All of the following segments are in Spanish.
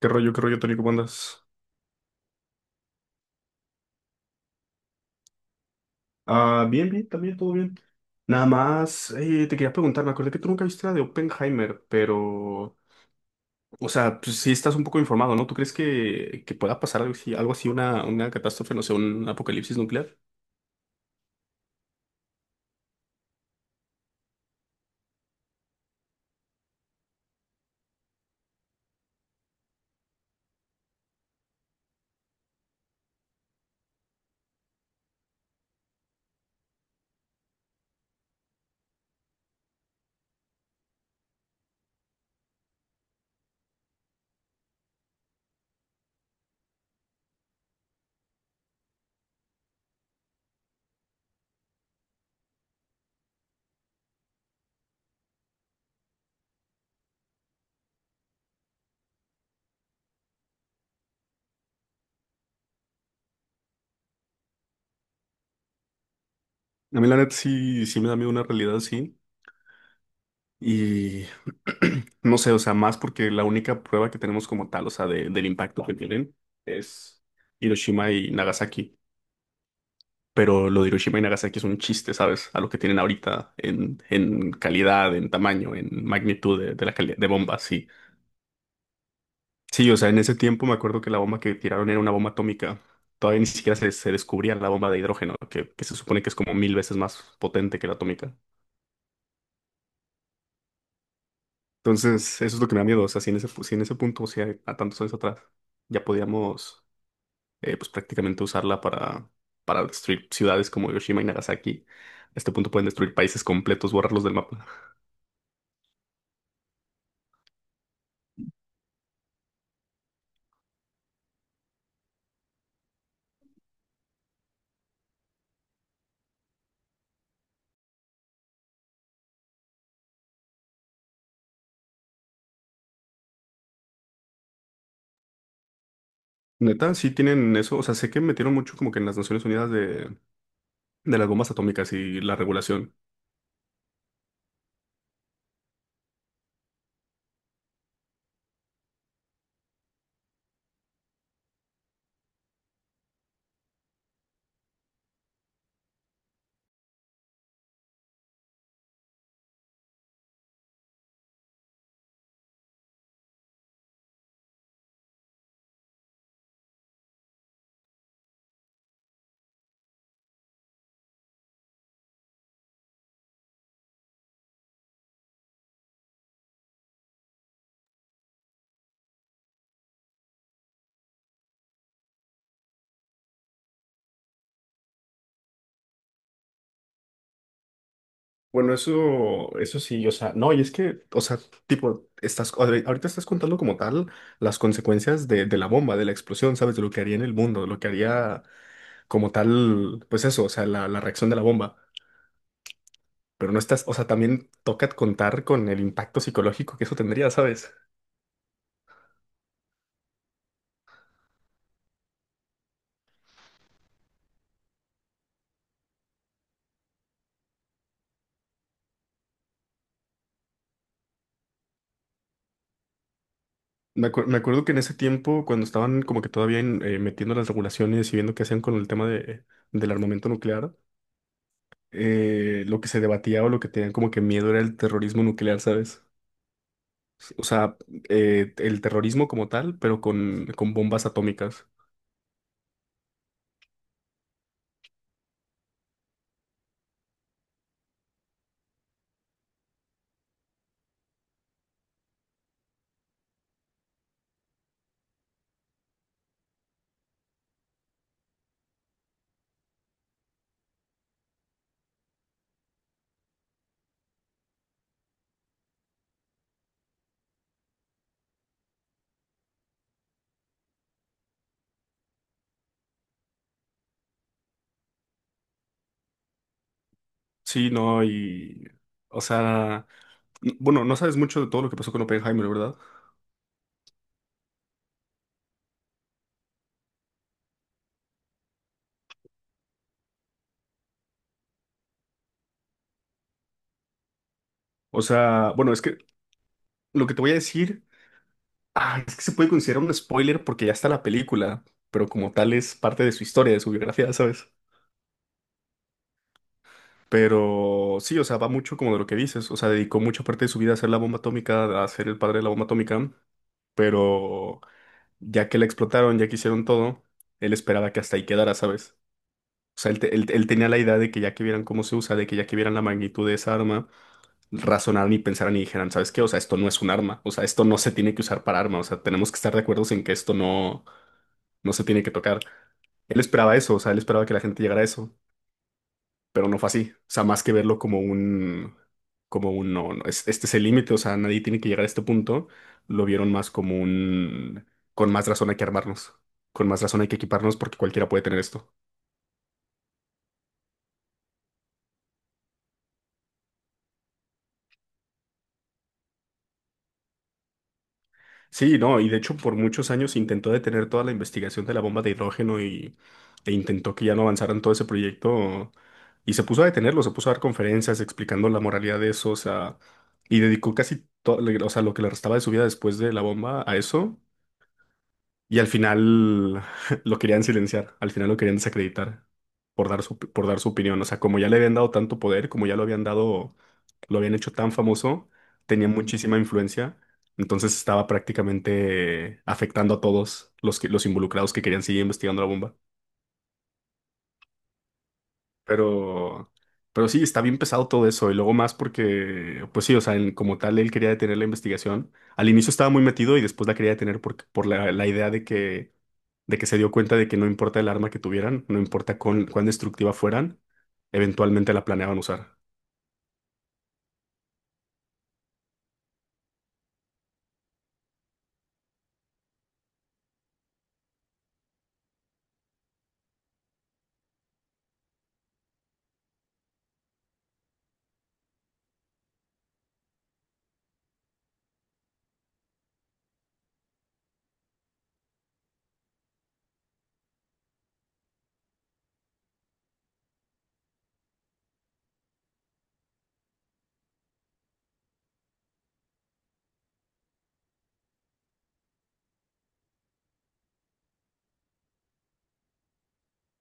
Qué rollo, Tony? ¿Cómo andas? Ah, bien, bien, también, todo bien. Nada más, te quería preguntar, me acordé que tú nunca viste la de Oppenheimer, pero, o sea, pues sí estás un poco informado, ¿no? ¿Tú crees que pueda pasar algo así, una catástrofe, no sé, un apocalipsis nuclear? A mí la neta sí, sí me da miedo una realidad así, y no sé, o sea, más porque la única prueba que tenemos como tal, o sea, del impacto que tienen es Hiroshima y Nagasaki. Pero lo de Hiroshima y Nagasaki es un chiste, ¿sabes? A lo que tienen ahorita en calidad, en tamaño, en magnitud de la calidad de bombas, sí. Sí, o sea, en ese tiempo me acuerdo que la bomba que tiraron era una bomba atómica. Todavía ni siquiera se descubría la bomba de hidrógeno, que se supone que es como mil veces más potente que la atómica. Entonces, eso es lo que me da miedo. O sea, si en ese, si en ese punto, o sea, a tantos años atrás, ya podíamos, pues prácticamente usarla para destruir ciudades como Hiroshima y Nagasaki. A este punto pueden destruir países completos, borrarlos del mapa. Neta, sí tienen eso. O sea, sé que metieron mucho como que en las Naciones Unidas de las bombas atómicas y la regulación. Bueno, eso sí, o sea, no, y es que, o sea, tipo, estás, ahorita estás contando como tal las consecuencias de la bomba, de la explosión, ¿sabes? De lo que haría en el mundo, de lo que haría como tal, pues eso, o sea, la reacción de la bomba. Pero no estás, o sea, también toca contar con el impacto psicológico que eso tendría, ¿sabes? Me acuerdo que en ese tiempo, cuando estaban como que todavía metiendo las regulaciones y viendo qué hacían con el tema de, del armamento nuclear, lo que se debatía o lo que tenían como que miedo era el terrorismo nuclear, ¿sabes? O sea, el terrorismo como tal, pero con bombas atómicas. Sí, no, y... O sea, bueno, no sabes mucho de todo lo que pasó con Oppenheimer, ¿verdad? O sea, bueno, es que lo que te voy a decir. Ah, es que se puede considerar un spoiler porque ya está la película, pero como tal es parte de su historia, de su biografía, ¿sabes? Pero sí, o sea, va mucho como de lo que dices, o sea, dedicó mucha parte de su vida a hacer la bomba atómica, a ser el padre de la bomba atómica, pero ya que la explotaron, ya que hicieron todo, él esperaba que hasta ahí quedara, ¿sabes? O sea, él, él tenía la idea de que ya que vieran cómo se usa, de que ya que vieran la magnitud de esa arma. Razonaran y pensaran y dijeran, ¿sabes qué? O sea, esto no es un arma, o sea, esto no se tiene que usar para arma, o sea, tenemos que estar de acuerdo en que esto no, no se tiene que tocar. Él esperaba eso, o sea, él esperaba que la gente llegara a eso, pero no fue así. O sea, más que verlo como un, no, no, este es el límite, o sea, nadie tiene que llegar a este punto, lo vieron más como un, con más razón hay que armarnos, con más razón hay que equiparnos porque cualquiera puede tener esto. Sí, no, y de hecho por muchos años intentó detener toda la investigación de la bomba de hidrógeno y, e intentó que ya no avanzaran todo ese proyecto y se puso a detenerlo, se puso a dar conferencias explicando la moralidad de eso, o sea, y dedicó casi todo, o sea, lo que le restaba de su vida después de la bomba a eso y al final lo querían silenciar, al final lo querían desacreditar por dar su opinión. O sea, como ya le habían dado tanto poder, como ya lo habían dado, lo habían hecho tan famoso, tenía muchísima influencia. Entonces estaba prácticamente afectando a todos los, que, los involucrados que querían seguir investigando la bomba. Pero, pero sí, está bien pesado todo eso. Y luego más porque, pues sí, o sea, como tal, él quería detener la investigación. Al inicio estaba muy metido y después la quería detener por la, la idea de que se dio cuenta de que no importa el arma que tuvieran, no importa cuán, cuán destructiva fueran, eventualmente la planeaban usar.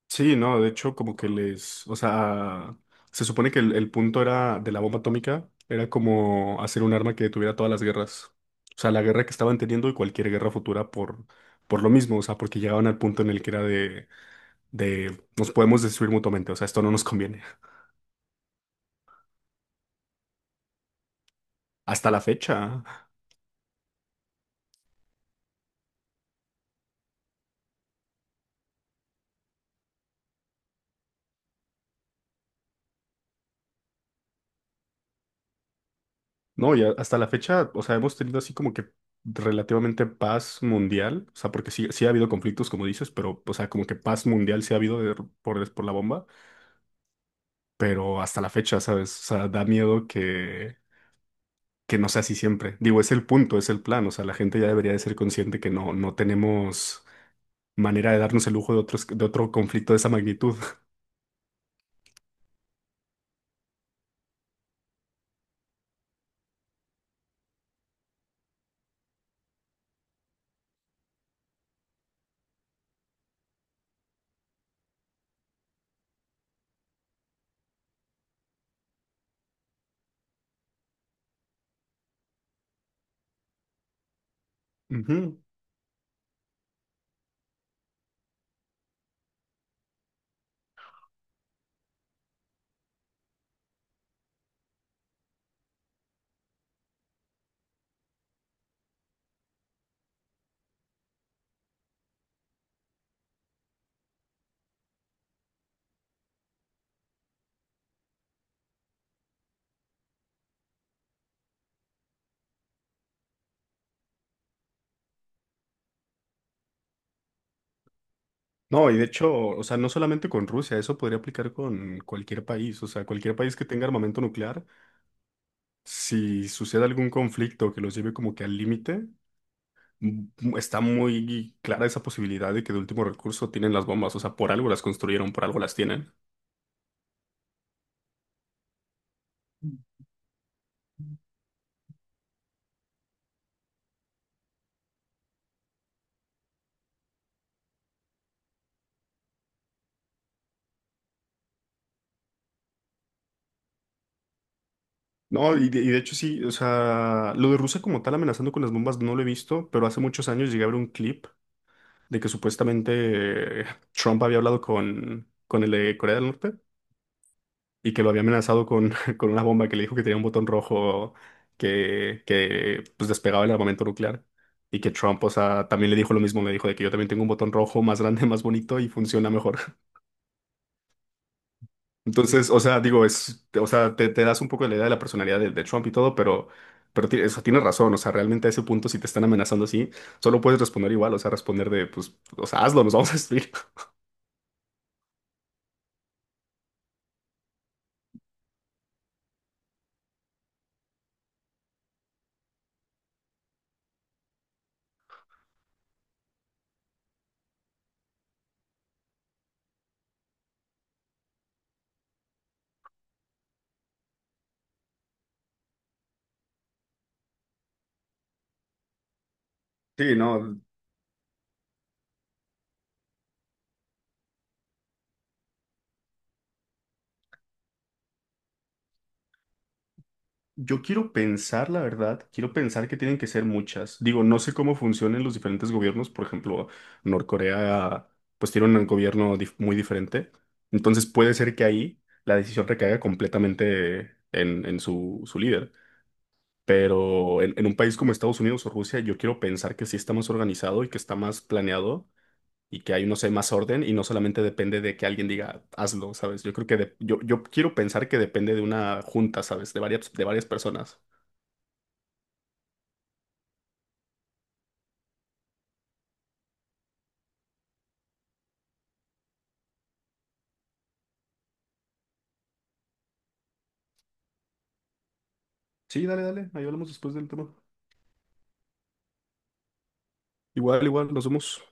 Sí, no, de hecho, como que les, o sea, se supone que el punto era de la bomba atómica, era como hacer un arma que detuviera todas las guerras. O sea, la guerra que estaban teniendo y cualquier guerra futura por lo mismo, o sea, porque llegaban al punto en el que era de nos podemos destruir mutuamente, o sea, esto no nos conviene. Hasta la fecha, no, y hasta la fecha, o sea, hemos tenido así como que relativamente paz mundial, o sea, porque sí, sí ha habido conflictos, como dices, pero, o sea, como que paz mundial sí ha habido por la bomba. Pero hasta la fecha, ¿sabes? O sea, da miedo que no sea así siempre. Digo, es el punto, es el plan, o sea, la gente ya debería de ser consciente que no, no tenemos manera de darnos el lujo de otros, de otro conflicto de esa magnitud. Ujú. No, y de hecho, o sea, no solamente con Rusia, eso podría aplicar con cualquier país, o sea, cualquier país que tenga armamento nuclear, si sucede algún conflicto que los lleve como que al límite, m- está muy clara esa posibilidad de que de último recurso tienen las bombas, o sea, por algo las construyeron, por algo las tienen. No, y de hecho sí, o sea, lo de Rusia como tal amenazando con las bombas no lo he visto, pero hace muchos años llegué a ver un clip de que supuestamente Trump había hablado con el de Corea del Norte y que lo había amenazado con, con una bomba que le dijo que tenía un botón rojo que pues despegaba el armamento nuclear y que Trump, o sea, también le dijo lo mismo, le dijo de que yo también tengo un botón rojo más grande, más bonito y funciona mejor. Entonces, o sea, digo, es, o sea, te das un poco la idea de la personalidad de Trump y todo, pero, o tienes razón, o sea, realmente a ese punto, si te están amenazando así, solo puedes responder igual, o sea, responder de, pues, o sea, hazlo, nos vamos a destruir. Sí, no, yo quiero pensar, la verdad, quiero pensar que tienen que ser muchas. Digo, no sé cómo funcionan los diferentes gobiernos, por ejemplo, Norcorea, pues tiene un gobierno muy diferente, entonces puede ser que ahí la decisión recaiga completamente en su, su líder. Pero en un país como Estados Unidos o Rusia, yo quiero pensar que sí está más organizado y que está más planeado y que hay, no sé, más orden y no solamente depende de que alguien diga, hazlo, ¿sabes? Yo creo que yo, yo quiero pensar que depende de una junta, ¿sabes? De varias personas. Sí, dale, dale, ahí hablamos después del tema. Igual, igual, nos vemos.